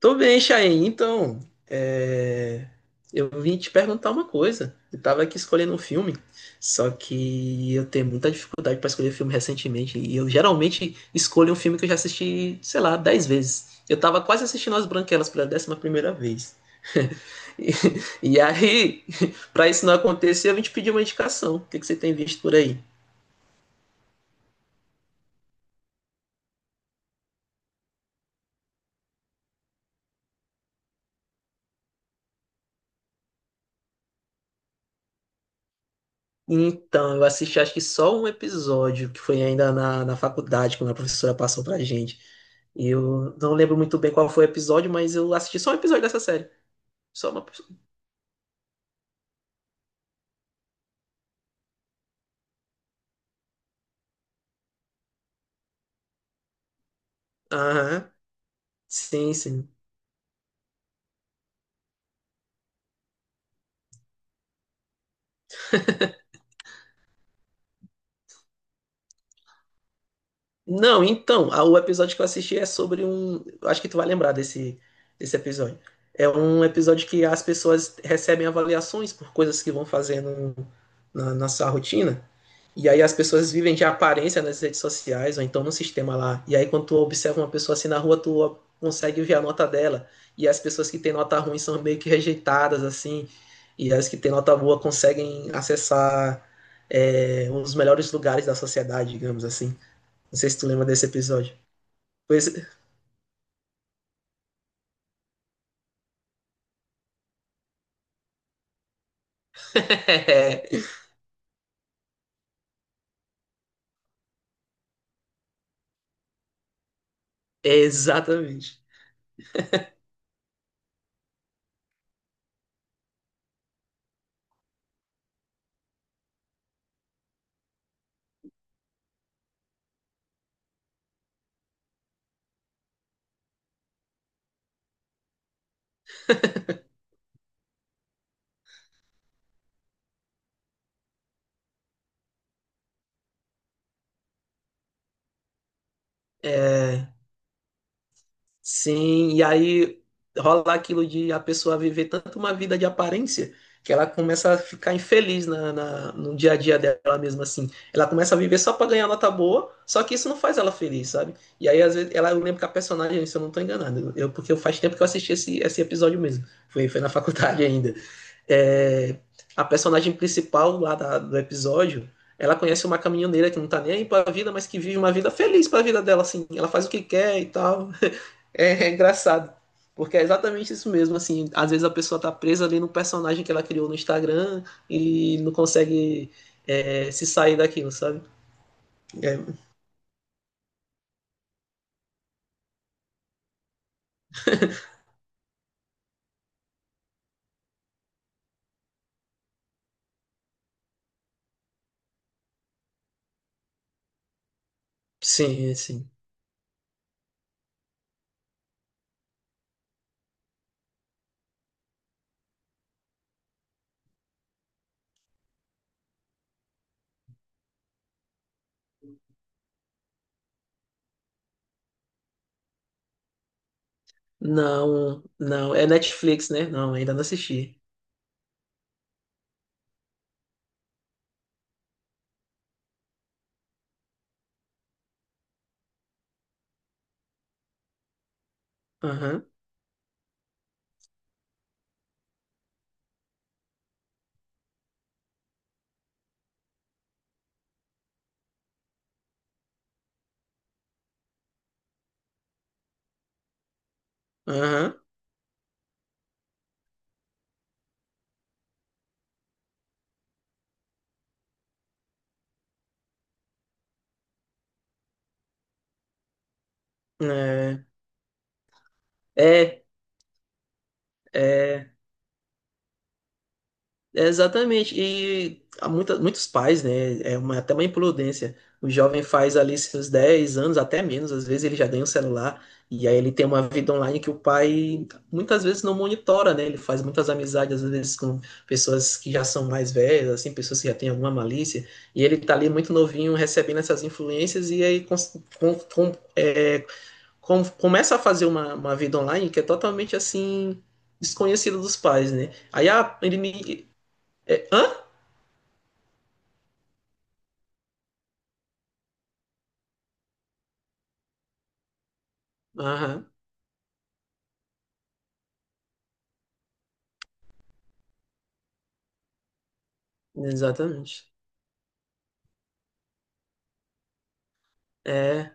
Tô bem, Chain. Então, é, eu vim te perguntar uma coisa. Eu tava aqui escolhendo um filme, só que eu tenho muita dificuldade pra escolher filme recentemente. E eu geralmente escolho um filme que eu já assisti, sei lá, 10 vezes. Eu tava quase assistindo As Branquelas pela 11ª vez. E, e aí, pra isso não acontecer, eu vim te pedir uma indicação. O que que você tem visto por aí? Então, eu assisti acho que só um episódio, que foi ainda na faculdade, quando a professora passou pra gente. E eu não lembro muito bem qual foi o episódio, mas eu assisti só um episódio dessa série. Só uma. Aham. Sim, sim. Não, então, o episódio que eu assisti é sobre um. Eu acho que tu vai lembrar desse episódio. É um episódio que as pessoas recebem avaliações por coisas que vão fazendo na sua rotina. E aí as pessoas vivem de aparência nas redes sociais, ou então no sistema lá. E aí quando tu observa uma pessoa assim na rua, tu consegue ver a nota dela. E as pessoas que têm nota ruim são meio que rejeitadas, assim. E as que têm nota boa conseguem acessar um dos melhores lugares da sociedade, digamos assim. Não sei se tu lembra desse episódio. Pois. é, exatamente. É, sim, e aí rola aquilo de a pessoa viver tanto uma vida de aparência que ela começa a ficar infeliz no dia a dia dela mesma assim. Ela começa a viver só para ganhar nota boa, só que isso não faz ela feliz, sabe? E aí, às vezes, ela, eu lembro que a personagem, se eu não tô enganado, eu, porque faz tempo que eu assisti esse episódio mesmo, foi na faculdade ainda. É, a personagem principal lá do episódio, ela conhece uma caminhoneira que não tá nem aí pra vida, mas que vive uma vida feliz pra vida dela, assim. Ela faz o que quer e tal. É, é engraçado. Porque é exatamente isso mesmo, assim, às vezes a pessoa tá presa ali no personagem que ela criou no Instagram e não consegue se sair daquilo, sabe? É, sim, é, sim. Não, não. É Netflix, né? Não, ainda não assisti. Aham, aham. É, é, é. É, exatamente, e há muitos pais, né? É uma, até uma imprudência. O jovem faz ali seus 10 anos, até menos, às vezes ele já ganha um celular, e aí ele tem uma vida online que o pai muitas vezes não monitora, né? Ele faz muitas amizades, às vezes, com pessoas que já são mais velhas, assim, pessoas que já têm alguma malícia, e ele tá ali muito novinho recebendo essas influências, e aí começa a fazer uma vida online que é totalmente assim, desconhecida dos pais, né? Aí, ele me hã? Aham, exatamente. É,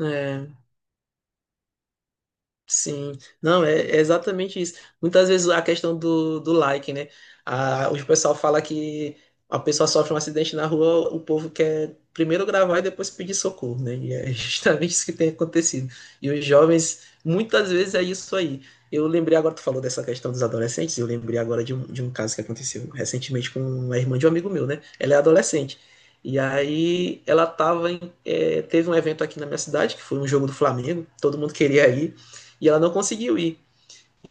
é. Sim, não, é exatamente isso. Muitas vezes a questão do like, né? O pessoal fala que a pessoa sofre um acidente na rua, o povo quer primeiro gravar e depois pedir socorro, né? E é justamente isso que tem acontecido. E os jovens, muitas vezes é isso aí. Eu lembrei agora, tu falou dessa questão dos adolescentes, eu lembrei agora de um, caso que aconteceu recentemente com uma irmã de um amigo meu, né? Ela é adolescente. E aí ela tava teve um evento aqui na minha cidade, que foi um jogo do Flamengo, todo mundo queria ir e ela não conseguiu ir.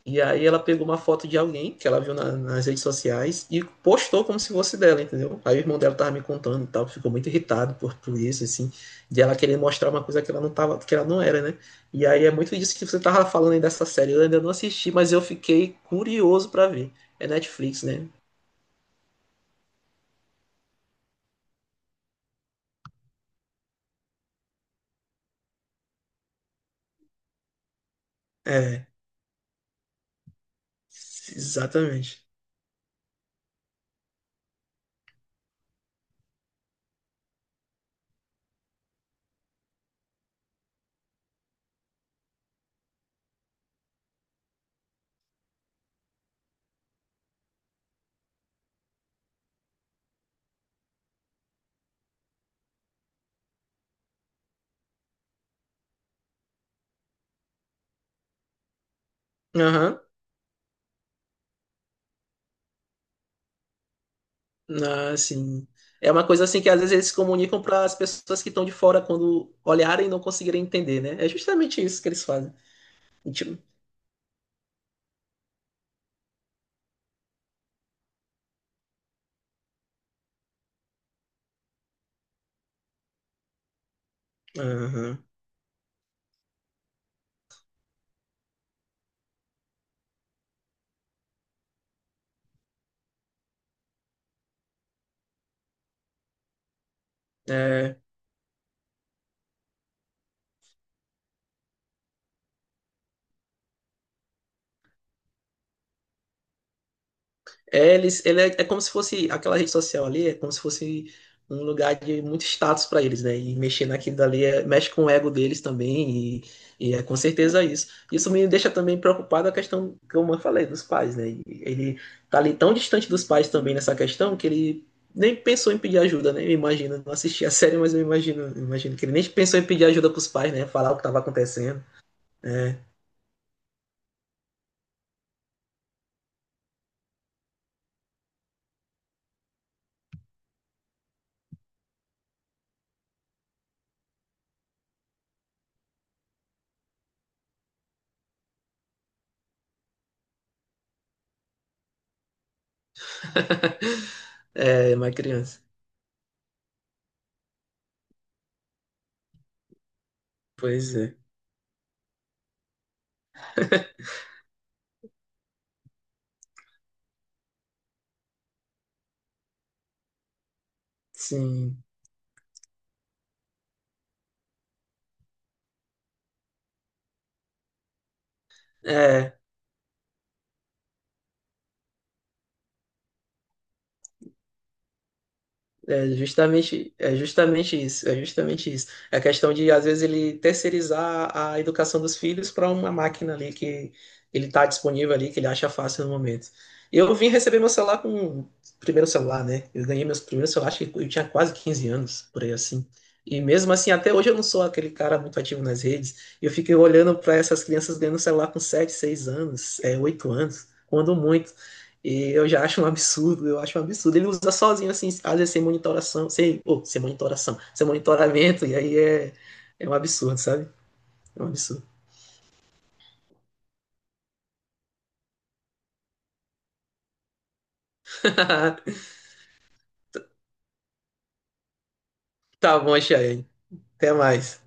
E aí ela pegou uma foto de alguém que ela viu nas redes sociais e postou como se fosse dela, entendeu? Aí o irmão dela tava me contando e tal, ficou muito irritado por isso, assim, de ela querer mostrar uma coisa que ela não tava, que ela não era, né? E aí é muito disso que você tava falando aí dessa série. Eu ainda não assisti, mas eu fiquei curioso pra ver. É Netflix, né? É, exatamente. Aham. Ah, sim. É uma coisa assim que às vezes eles comunicam para as pessoas que estão de fora quando olharem e não conseguirem entender, né? É justamente isso que eles fazem. Tipo, aham. É, ele é como se fosse aquela rede social ali, é como se fosse um lugar de muito status para eles, né? E mexer naquilo dali é- mexe com o ego deles também, e é com certeza isso. Isso me deixa também preocupado a questão que eu falei dos pais, né? E ele tá ali tão distante dos pais também nessa questão que ele nem pensou em pedir ajuda, né? Eu imagino, não assisti a série, mas eu imagino que ele nem pensou em pedir ajuda pros pais, né? Falar o que estava acontecendo. É, é, uma criança. Pois é. Sim. É, é justamente, é justamente isso, é justamente isso. É a questão de, às vezes, ele terceirizar a educação dos filhos para uma máquina ali que ele está disponível ali, que ele acha fácil no momento. Eu vim receber meu celular com primeiro celular, né? Eu ganhei meus primeiros celular, acho que eu tinha quase 15 anos, por aí assim. E mesmo assim, até hoje eu não sou aquele cara muito ativo nas redes. Eu fico olhando para essas crianças ganhando celular com 7, 6 anos, é, 8 anos, quando muito. E eu já acho um absurdo, eu acho um absurdo. Ele usa sozinho, assim, às vezes sem monitoração, sem monitoração, sem monitoramento, e aí é um absurdo, sabe? É um absurdo. Tá bom, Chayane. Até mais.